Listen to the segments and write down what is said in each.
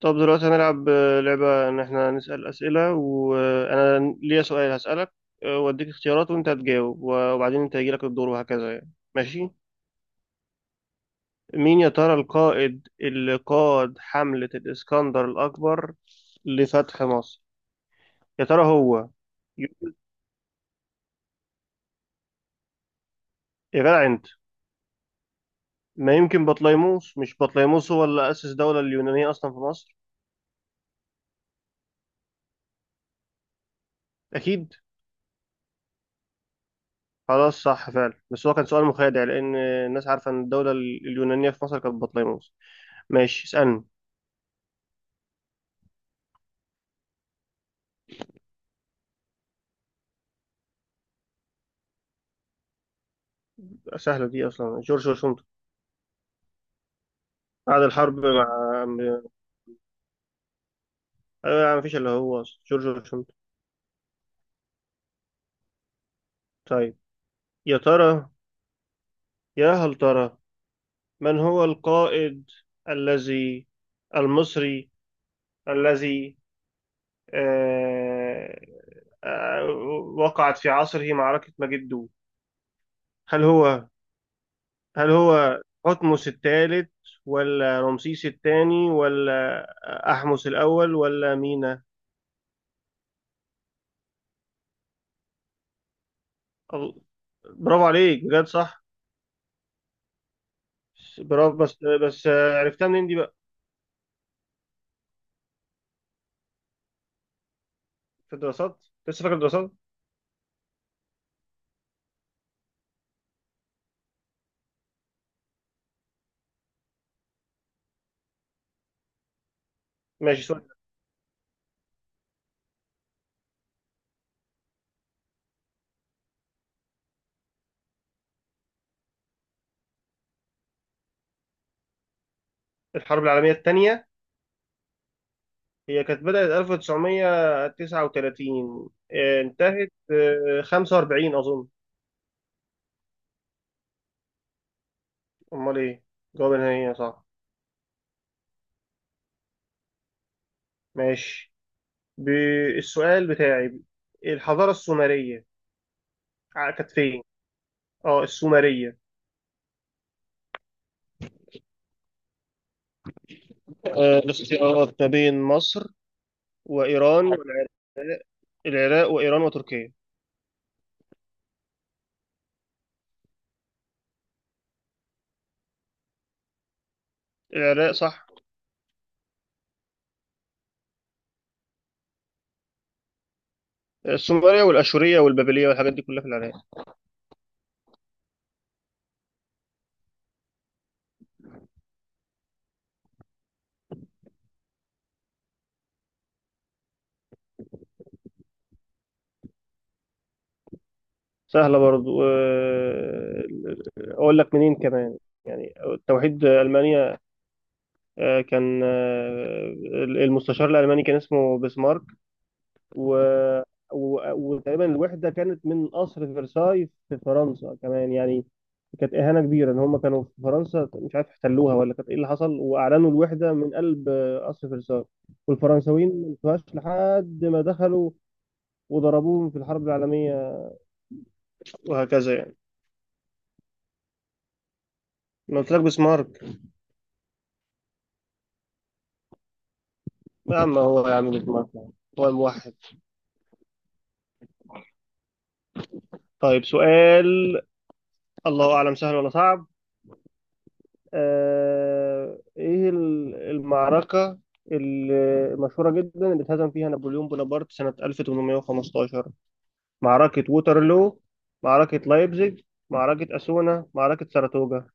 طب دلوقتي هنلعب لعبة إن إحنا نسأل أسئلة وأنا ليا سؤال هسألك، وأديك اختيارات وأنت هتجاوب وبعدين أنت هيجيلك الدور وهكذا يعني ماشي. مين يا ترى القائد اللي قاد حملة الإسكندر الأكبر لفتح مصر؟ يا ترى هو. يا جدع أنت. ما يمكن بطليموس؟ مش بطليموس هو اللي أسس الدولة اليونانية أصلا في مصر؟ أكيد. خلاص، صح فعلا، بس هو كان سؤال مخادع لأن الناس عارفة إن الدولة اليونانية في مصر كانت بطليموس. ماشي اسألني. سهلة دي، أصلا جورج واشنطن. بعد الحرب مع. أيوة يا عم، مفيش إلا هو، أصلا جورج واشنطن. طيب، يا ترى، يا هل ترى، من هو القائد الذي، المصري الذي، آه آه وقعت في عصره معركة مجدو؟ هل هو، هل هو حتمس الثالث ولا رمسيس الثاني ولا أحمس الأول ولا مينا؟ أغ- برافو عليك بجد، صح. برافو، بس عرفتها منين دي بقى؟ في الدراسات. لسه فاكر الدراسات. ماشي، سؤال. الحرب العالمية الثانية، هي كانت بدأت 1939، انتهت 45 أظن. أمال إيه، جواب نهائي صح. ماشي، بالسؤال بتاعي، الحضارة السومرية كانت فين؟ اه السومرية. الاختيارات ما بين مصر وإيران والعراق، العراق وإيران وتركيا. العراق صح. السومرية والأشورية والبابلية والحاجات دي كلها في العراق. سهلة برضو. أقول لك منين كمان؟ يعني توحيد ألمانيا كان المستشار الألماني، كان اسمه بسمارك. و... وتقريبا الوحدة كانت من قصر فرساي في فرنسا كمان يعني. كانت إهانة كبيرة إن هم كانوا في فرنسا، مش عارف احتلوها ولا كانت إيه اللي حصل، وأعلنوا الوحدة من قلب قصر فرساي. والفرنساويين ما انتهاش لحد ما دخلوا وضربوهم في الحرب العالمية، وهكذا يعني. أنا قلت لك بسمارك. يا عم، هو يعمل لك مرة، هو الموحد. طيب سؤال، الله أعلم سهل ولا صعب. إيه المعركة ال- المشهورة جدا اللي اتهزم فيها نابليون بونابرت سنة 1815؟ معركة ووترلو، معركة لايبزيج، معركة أسونا، معركة ساراتوجا.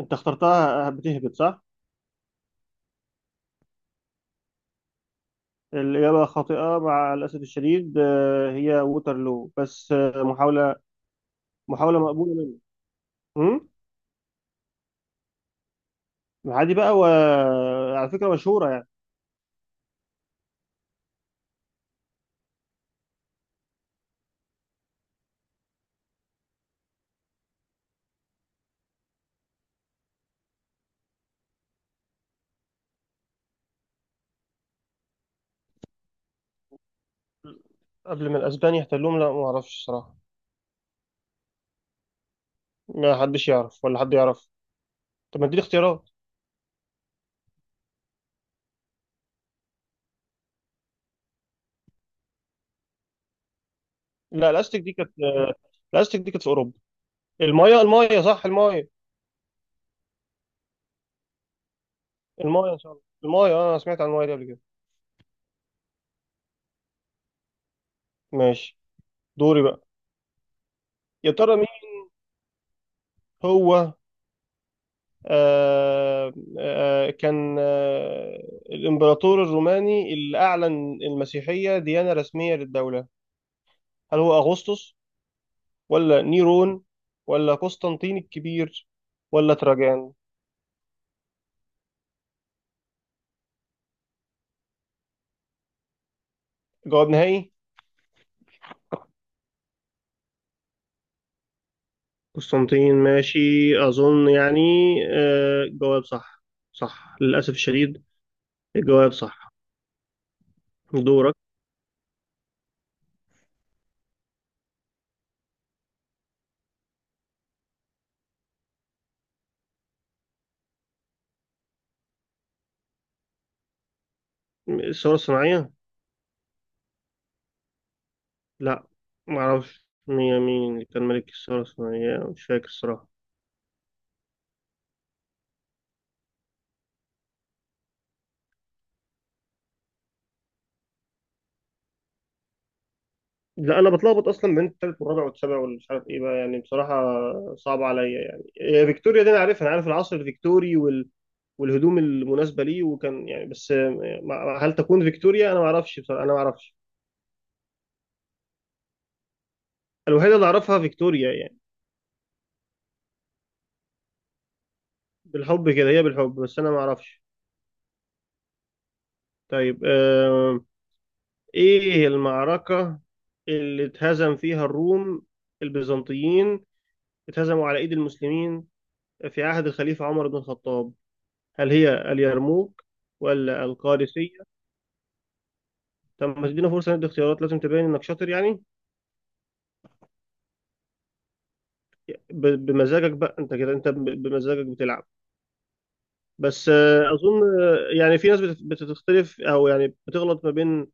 أنت اخترتها بتهبط، صح؟ الإجابة خاطئة مع الأسف الشديد، هي ووترلو، بس محاولة، محاولة مقبولة منك. عادي بقى، وعلى فكرة مشهورة. قبل ما الاسبان يحتلوهم، لا ما اعرفش صراحه. ما حدش يعرف ولا حد يعرف. طب ما اديني اختيارات. لا الاستك دي كانت في اوروبا. المايه، المايه صح، المايه. المايه ان شاء الله، المايه، انا سمعت عن المايه دي قبل كده. ماشي، دوري بقى. يا ترى مين هو، آه كان الامبراطور الروماني اللي اعلن المسيحيه ديانه رسميه للدوله؟ هل هو اغسطس ولا نيرون ولا قسطنطين الكبير ولا تراجان؟ جواب نهائي. قسطنطين، ماشي، أظن يعني. جواب صح، صح للأسف الشديد، الجواب صح. دورك. الثورة الصناعية؟ لا، معرفش مين، مين اللي كان ملك الثورة الصناعية، مش فاكر الصراحة. لا، أنا بتلخبط أصلا بين التالت والرابع والسابع والمش عارف إيه بقى يعني بصراحة، صعب عليا يعني. فيكتوريا دي أنا عارفها، أنا عارف العصر الفيكتوري والهدوم المناسبة ليه وكان يعني، بس هل تكون فيكتوريا؟ أنا معرفش بصراحة، أنا معرفش. الوحيدة اللي أعرفها فيكتوريا يعني. بالحب كده هي، بالحب، بس انا ما اعرفش. طيب، ايه المعركة اللي اتهزم فيها الروم، البيزنطيين، اتهزموا على ايد المسلمين في عهد الخليفة عمر بن الخطاب؟ هل هي اليرموك ولا القادسية؟ طب ما تدينا فرصة ندي اختيارات، لازم تبين انك شاطر يعني. بمزاجك بقى انت كده، بمزاجك بتلعب. بس اظن يعني في ناس بتختلف او يعني بتغلط ما بين،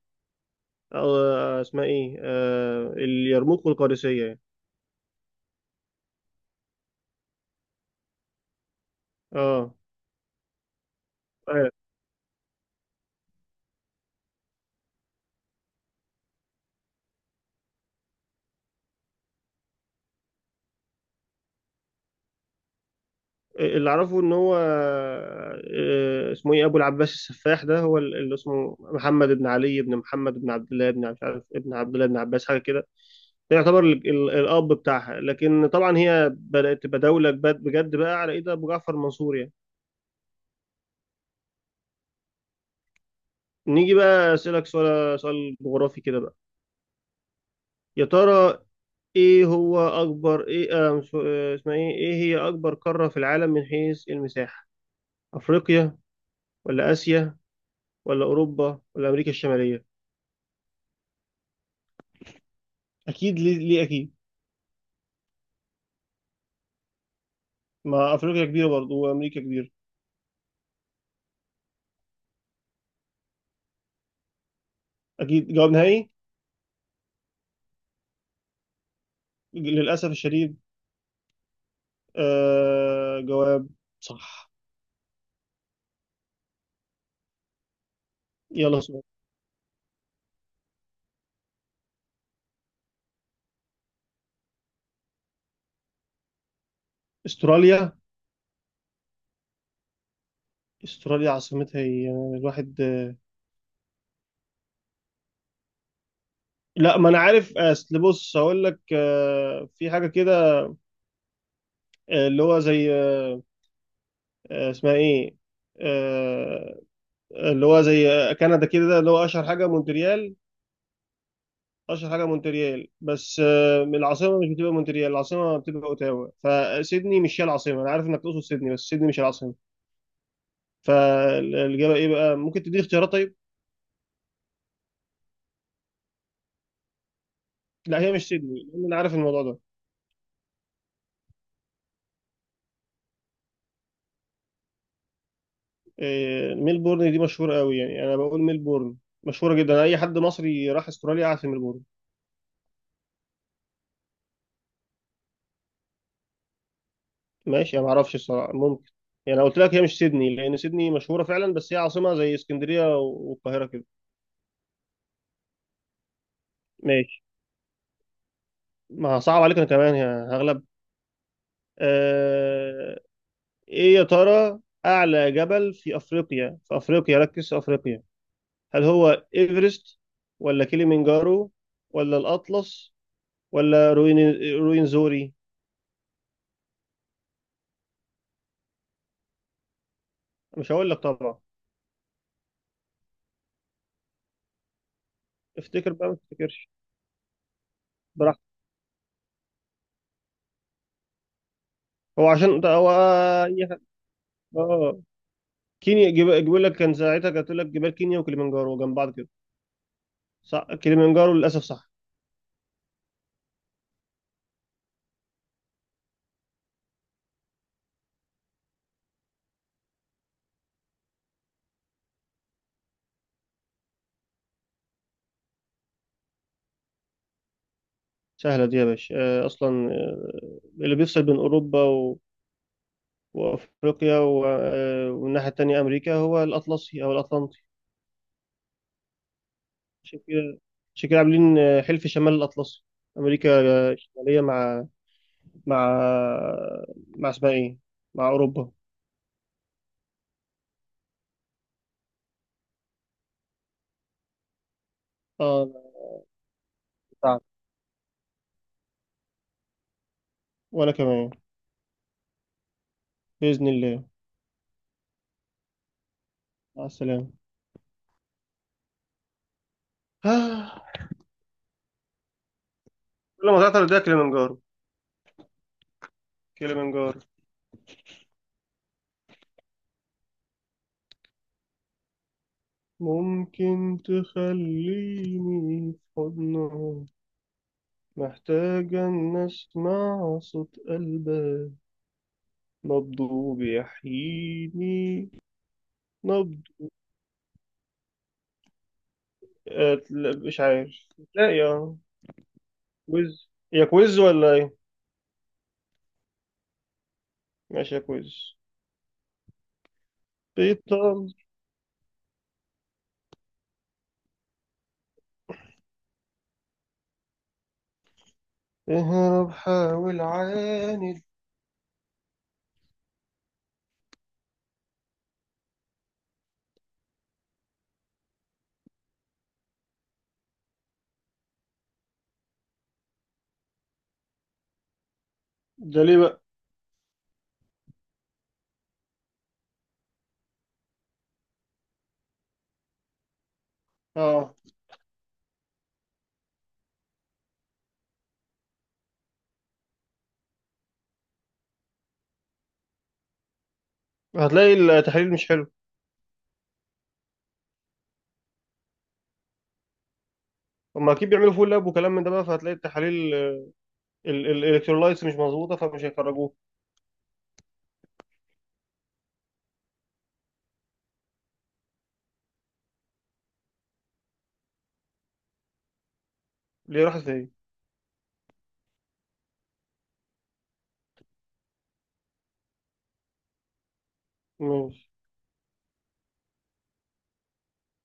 آه، اسمها ايه آه، اليرموك والقادسية. اه. آه، اللي اعرفه ان هو، آه، اسمه ايه ابو العباس السفاح، ده هو اللي اسمه محمد بن علي بن محمد بن عبد الله بن مش عارف ابن عبد الله بن عباس حاجه كده. ده يعتبر الاب بتاعها، لكن طبعا هي بدات تبقى دوله بجد بجد بقى على ايد ابو جعفر منصور يعني. نيجي بقى اسالك سؤال، سؤال جغرافي كده بقى. يا ترى ايه هو اكبر ايه، آه، مش- آه، اسمها ايه ايه هي اكبر قاره في العالم من حيث المساحه؟ افريقيا ولا اسيا ولا اوروبا ولا امريكا الشماليه؟ اكيد، ليه, ليه اكيد؟ ما افريقيا كبيره برضه وامريكا كبيره. اكيد جواب نهائي. للاسف الشديد، آه جواب صح. يلا سؤال. استراليا. استراليا عاصمتها هي الواحد، لا ما انا عارف، اصل بص هقول لك، في حاجه كده، آه، اللي هو زي آه، اسمها ايه آه، اللي هو زي كندا كده، اللي هو اشهر حاجه مونتريال، اشهر حاجه مونتريال، بس العاصمه مش بتبقى مونتريال، العاصمه بتبقى اوتاوا. فسيدني مش هي العاصمه، انا عارف انك تقصد سيدني بس سيدني مش العاصمه. فالاجابه ايه بقى؟ ممكن تديني اختيارات طيب. لا هي مش سيدني، لان انا عارف الموضوع ده. ميلبورن دي مشهوره قوي يعني، انا بقول ميلبورن، مشهوره جدا، اي حد مصري راح استراليا قاعد في ميلبورن. ماشي، انا ما اعرفش الصراحه، ممكن يعني. أنا قلت لك هي مش سيدني لان سيدني مشهوره فعلا، بس هي عاصمه زي اسكندريه والقاهره كده. ماشي، ما صعب عليك، انا كمان يا هغلب. آه، ايه يا ترى اعلى جبل في افريقيا، في افريقيا، ركز في افريقيا؟ هل هو ايفرست ولا كيليمنجارو ولا الاطلس ولا روين، روينزوري؟ مش هقول لك طبعا. افتكر بقى، ما تفتكرش، براحتك. هو عشان ده هو. اي حاجه. اه كينيا، بيقول لك كان ساعتها، كانت تقول لك جبال كينيا وكيليمنجارو جنب بعض كده. صح كيليمنجارو، للاسف صح. سهله دي يا باشا. اصلا اللي بيفصل بين اوروبا وافريقيا والناحيه التانيه امريكا، هو الاطلسي او الاطلنطي. عشان كده، عاملين حلف شمال الاطلسي. امريكا الشماليه، مع مع مع اسمها ايه مع اوروبا. اه أنا تعب. وانا كمان باذن الله. مع السلامه. آه. كل ما تعطل ده كليمنجارو. كليمنجارو. ممكن تخليني في حضنها؟ محتاجة أن أسمع صوت قلبها، نبضه بيحييني، نبض. لا، مش عارف. لا يا كويز، يا كويز ولا ايه؟ ماشي يا كويز. بيطل. اهرب، حاول، عاند. ده ليه بقى؟ اه، هتلاقي التحاليل مش حلو. هما اكيد بيعملوا فول لاب وكلام من ده بقى، فهتلاقي التحاليل الالكترولايتس مش مظبوطه، فمش هيخرجوه. ليه راحت فين؟